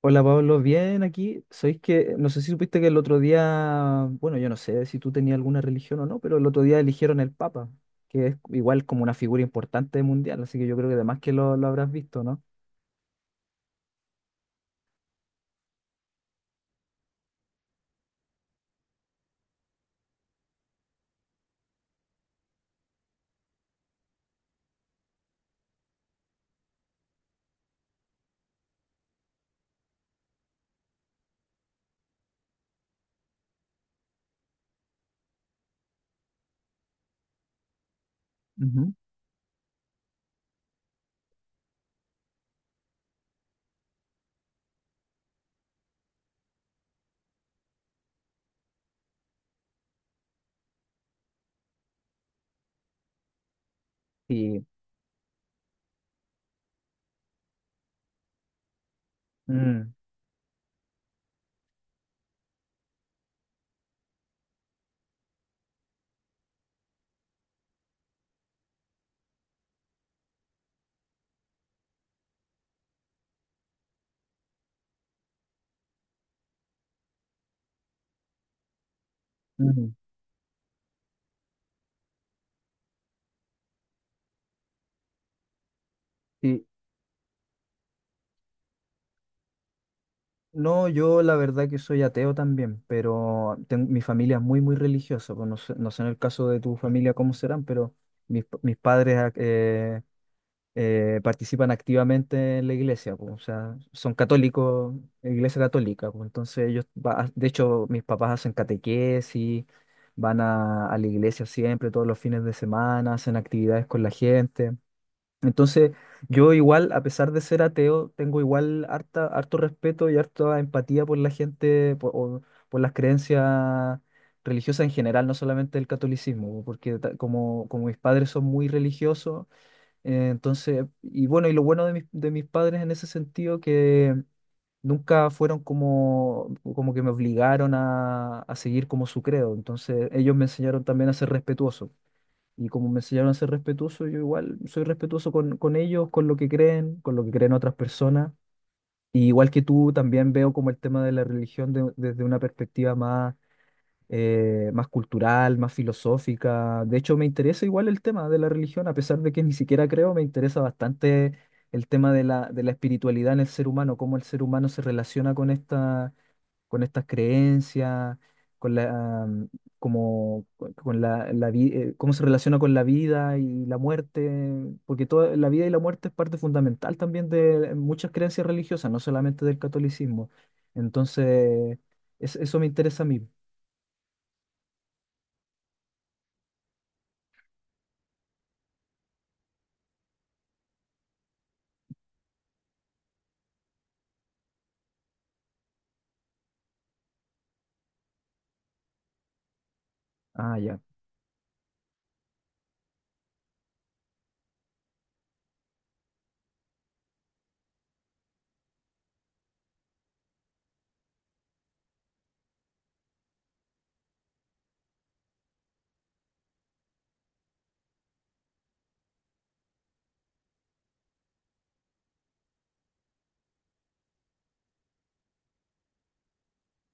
Hola Pablo, bien aquí. Sabéis que no sé si supiste que el otro día, yo no sé si tú tenías alguna religión o no, pero el otro día eligieron el Papa, que es igual como una figura importante mundial, así que yo creo que además que lo habrás visto, ¿no? Ujú. Sí. Mm, mm. Sí. No, yo la verdad que soy ateo también, pero mi familia es muy religiosa. Pues no sé, no sé en el caso de tu familia cómo serán, pero mis padres participan activamente en la iglesia, pues, o sea, son católicos, iglesia católica, pues, entonces de hecho, mis papás hacen catequesis, van a la iglesia siempre, todos los fines de semana, hacen actividades con la gente. Entonces, yo igual, a pesar de ser ateo, tengo igual harto respeto y harta empatía por la gente, o por las creencias religiosas en general, no solamente el catolicismo, porque como mis padres son muy religiosos, entonces, y bueno, y lo bueno de de mis padres en ese sentido que nunca fueron como que me obligaron a seguir como su credo. Entonces, ellos me enseñaron también a ser respetuoso. Y como me enseñaron a ser respetuoso, yo igual soy respetuoso con ellos, con lo que creen, con lo que creen otras personas. Y igual que tú, también veo como el tema de la religión desde una perspectiva más más cultural, más filosófica. De hecho, me interesa igual el tema de la religión, a pesar de que ni siquiera creo, me interesa bastante el tema de de la espiritualidad en el ser humano, cómo el ser humano se relaciona con esta, con estas creencias, con la, mm, con cómo se relaciona con la vida y la muerte, porque toda la vida y la muerte es parte fundamental también de muchas creencias religiosas, no solamente del catolicismo. Entonces, eso me interesa a mí. Ah, ya.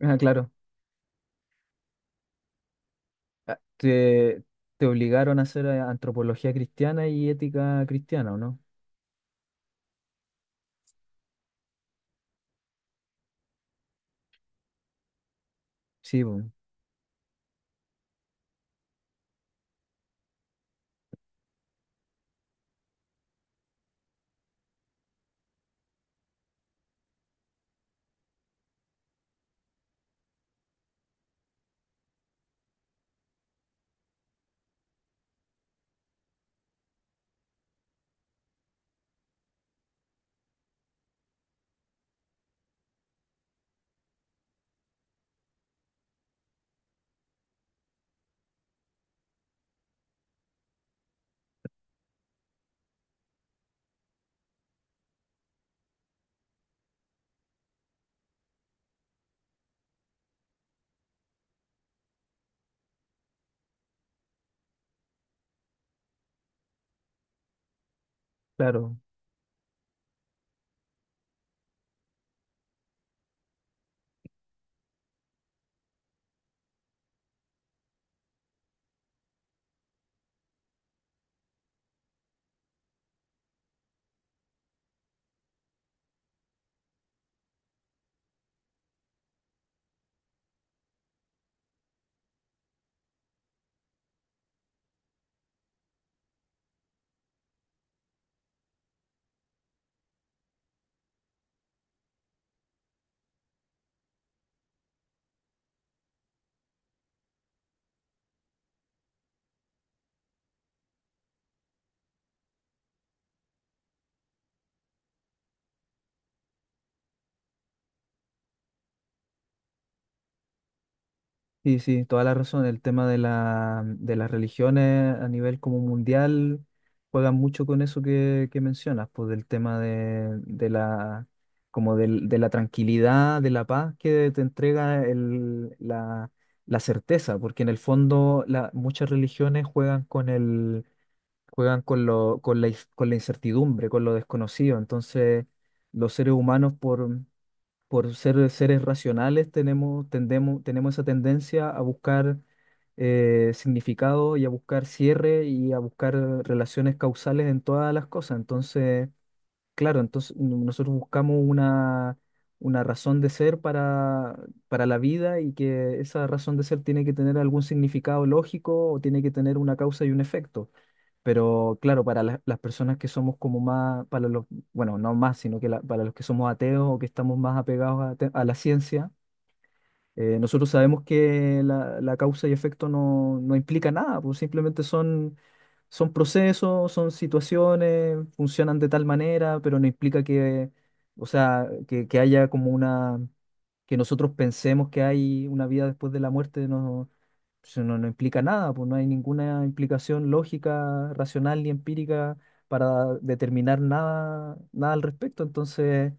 Ah, claro. Ah, te obligaron a hacer antropología cristiana y ética cristiana, ¿o no? Sí, claro. Sí, sí, toda la razón. El tema de de las religiones a nivel como mundial juegan mucho con eso que mencionas, pues del tema de la de la tranquilidad, de la paz que te entrega la certeza, porque en el fondo muchas religiones juegan con el juegan con lo, con la incertidumbre, con lo desconocido. Entonces, los seres humanos, por ser seres racionales, tendemos, tenemos esa tendencia a buscar significado y a buscar cierre y a buscar relaciones causales en todas las cosas. Entonces, claro, entonces nosotros buscamos una razón de ser para la vida y que esa razón de ser tiene que tener algún significado lógico o tiene que tener una causa y un efecto. Pero claro, para las personas que somos como más, para los, bueno, no más, sino que para los que somos ateos o que estamos más apegados a, a la ciencia, nosotros sabemos que la causa y efecto no, no implica nada, pues simplemente son son procesos, son situaciones, funcionan de tal manera, pero no implica que, o sea, que haya como una, que nosotros pensemos que hay una vida después de la muerte, no, pues, no, no implica nada, pues no hay ninguna implicación lógica, racional ni empírica para determinar nada, nada al respecto. Entonces,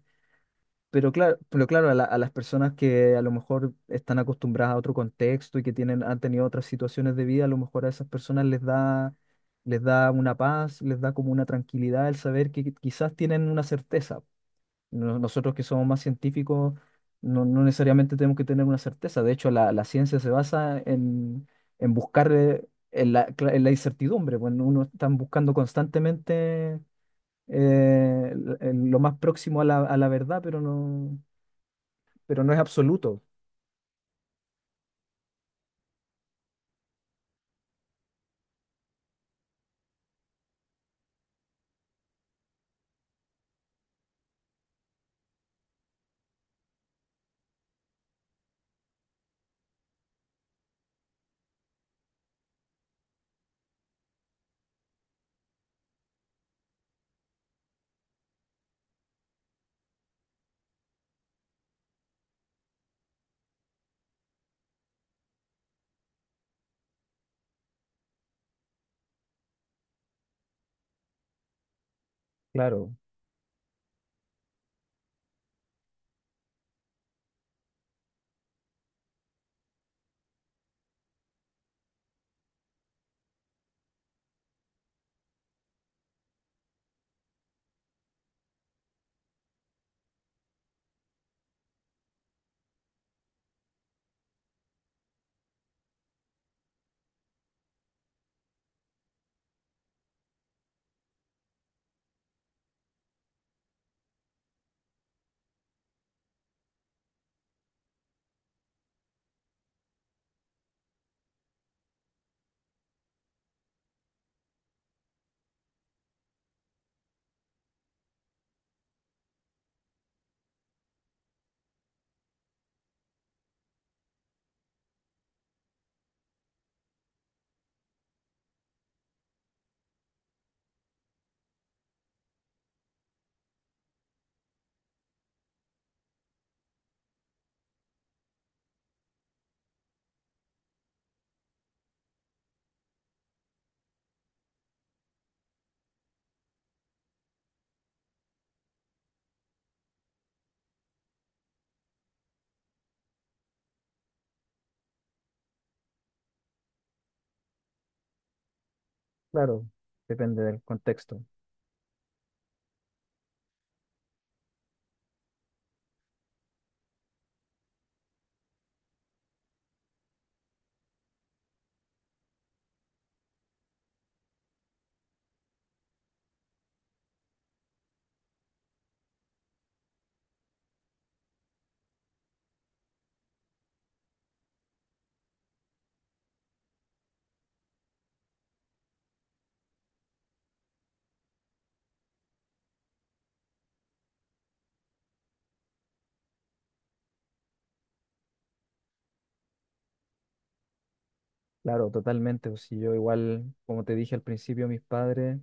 pero claro, a las personas que a lo mejor están acostumbradas a otro contexto y que tienen, han tenido otras situaciones de vida, a lo mejor a esas personas les da una paz, les da como una tranquilidad el saber que quizás tienen una certeza. Nosotros que somos más científicos, no, no necesariamente tenemos que tener una certeza. De hecho, la ciencia se basa en buscar en en la incertidumbre. Bueno, uno está buscando constantemente lo más próximo a a la verdad, pero no es absoluto. Claro, claro, depende del contexto. Claro, totalmente. Pues, si yo igual, como te dije al principio, mis padres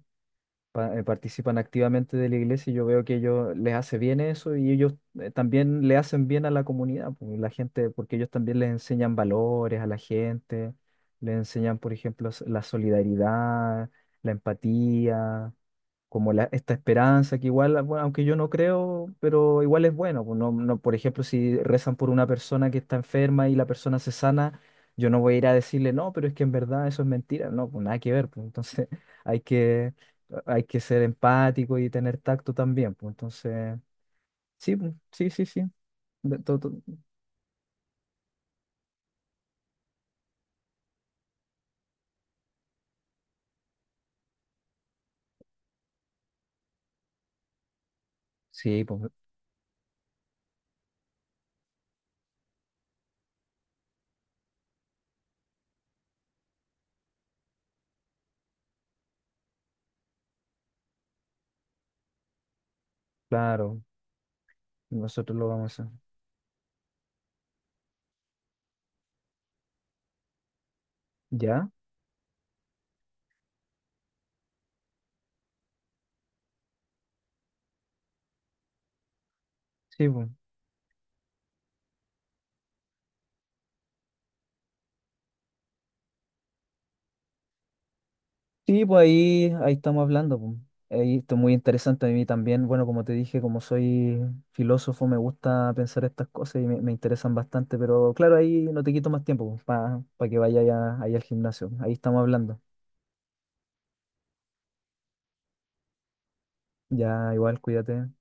participan activamente de la iglesia y yo veo que ellos les hace bien eso y ellos también le hacen bien a la comunidad, pues, la gente, porque ellos también les enseñan valores a la gente, les enseñan, por ejemplo, la solidaridad, la empatía. Como la, esta esperanza que igual, bueno, aunque yo no creo, pero igual es bueno. Pues no, no, por ejemplo, si rezan por una persona que está enferma y la persona se sana, yo no voy a ir a decirle, no, pero es que en verdad eso es mentira. No, pues nada que ver. Pues, entonces hay que, hay que ser empático y tener tacto también. Pues entonces, sí, pues, sí, sí, sí. De- to- to- Sí, pues claro, nosotros lo vamos a... hacer. ¿Ya? Sí, pues. Sí, pues ahí, ahí estamos hablando, pues. Ahí esto es muy interesante a mí también. Bueno, como te dije, como soy filósofo, me gusta pensar estas cosas y me interesan bastante, pero claro, ahí no te quito más tiempo para que vayas ahí al gimnasio. Ahí estamos hablando. Ya, igual, cuídate.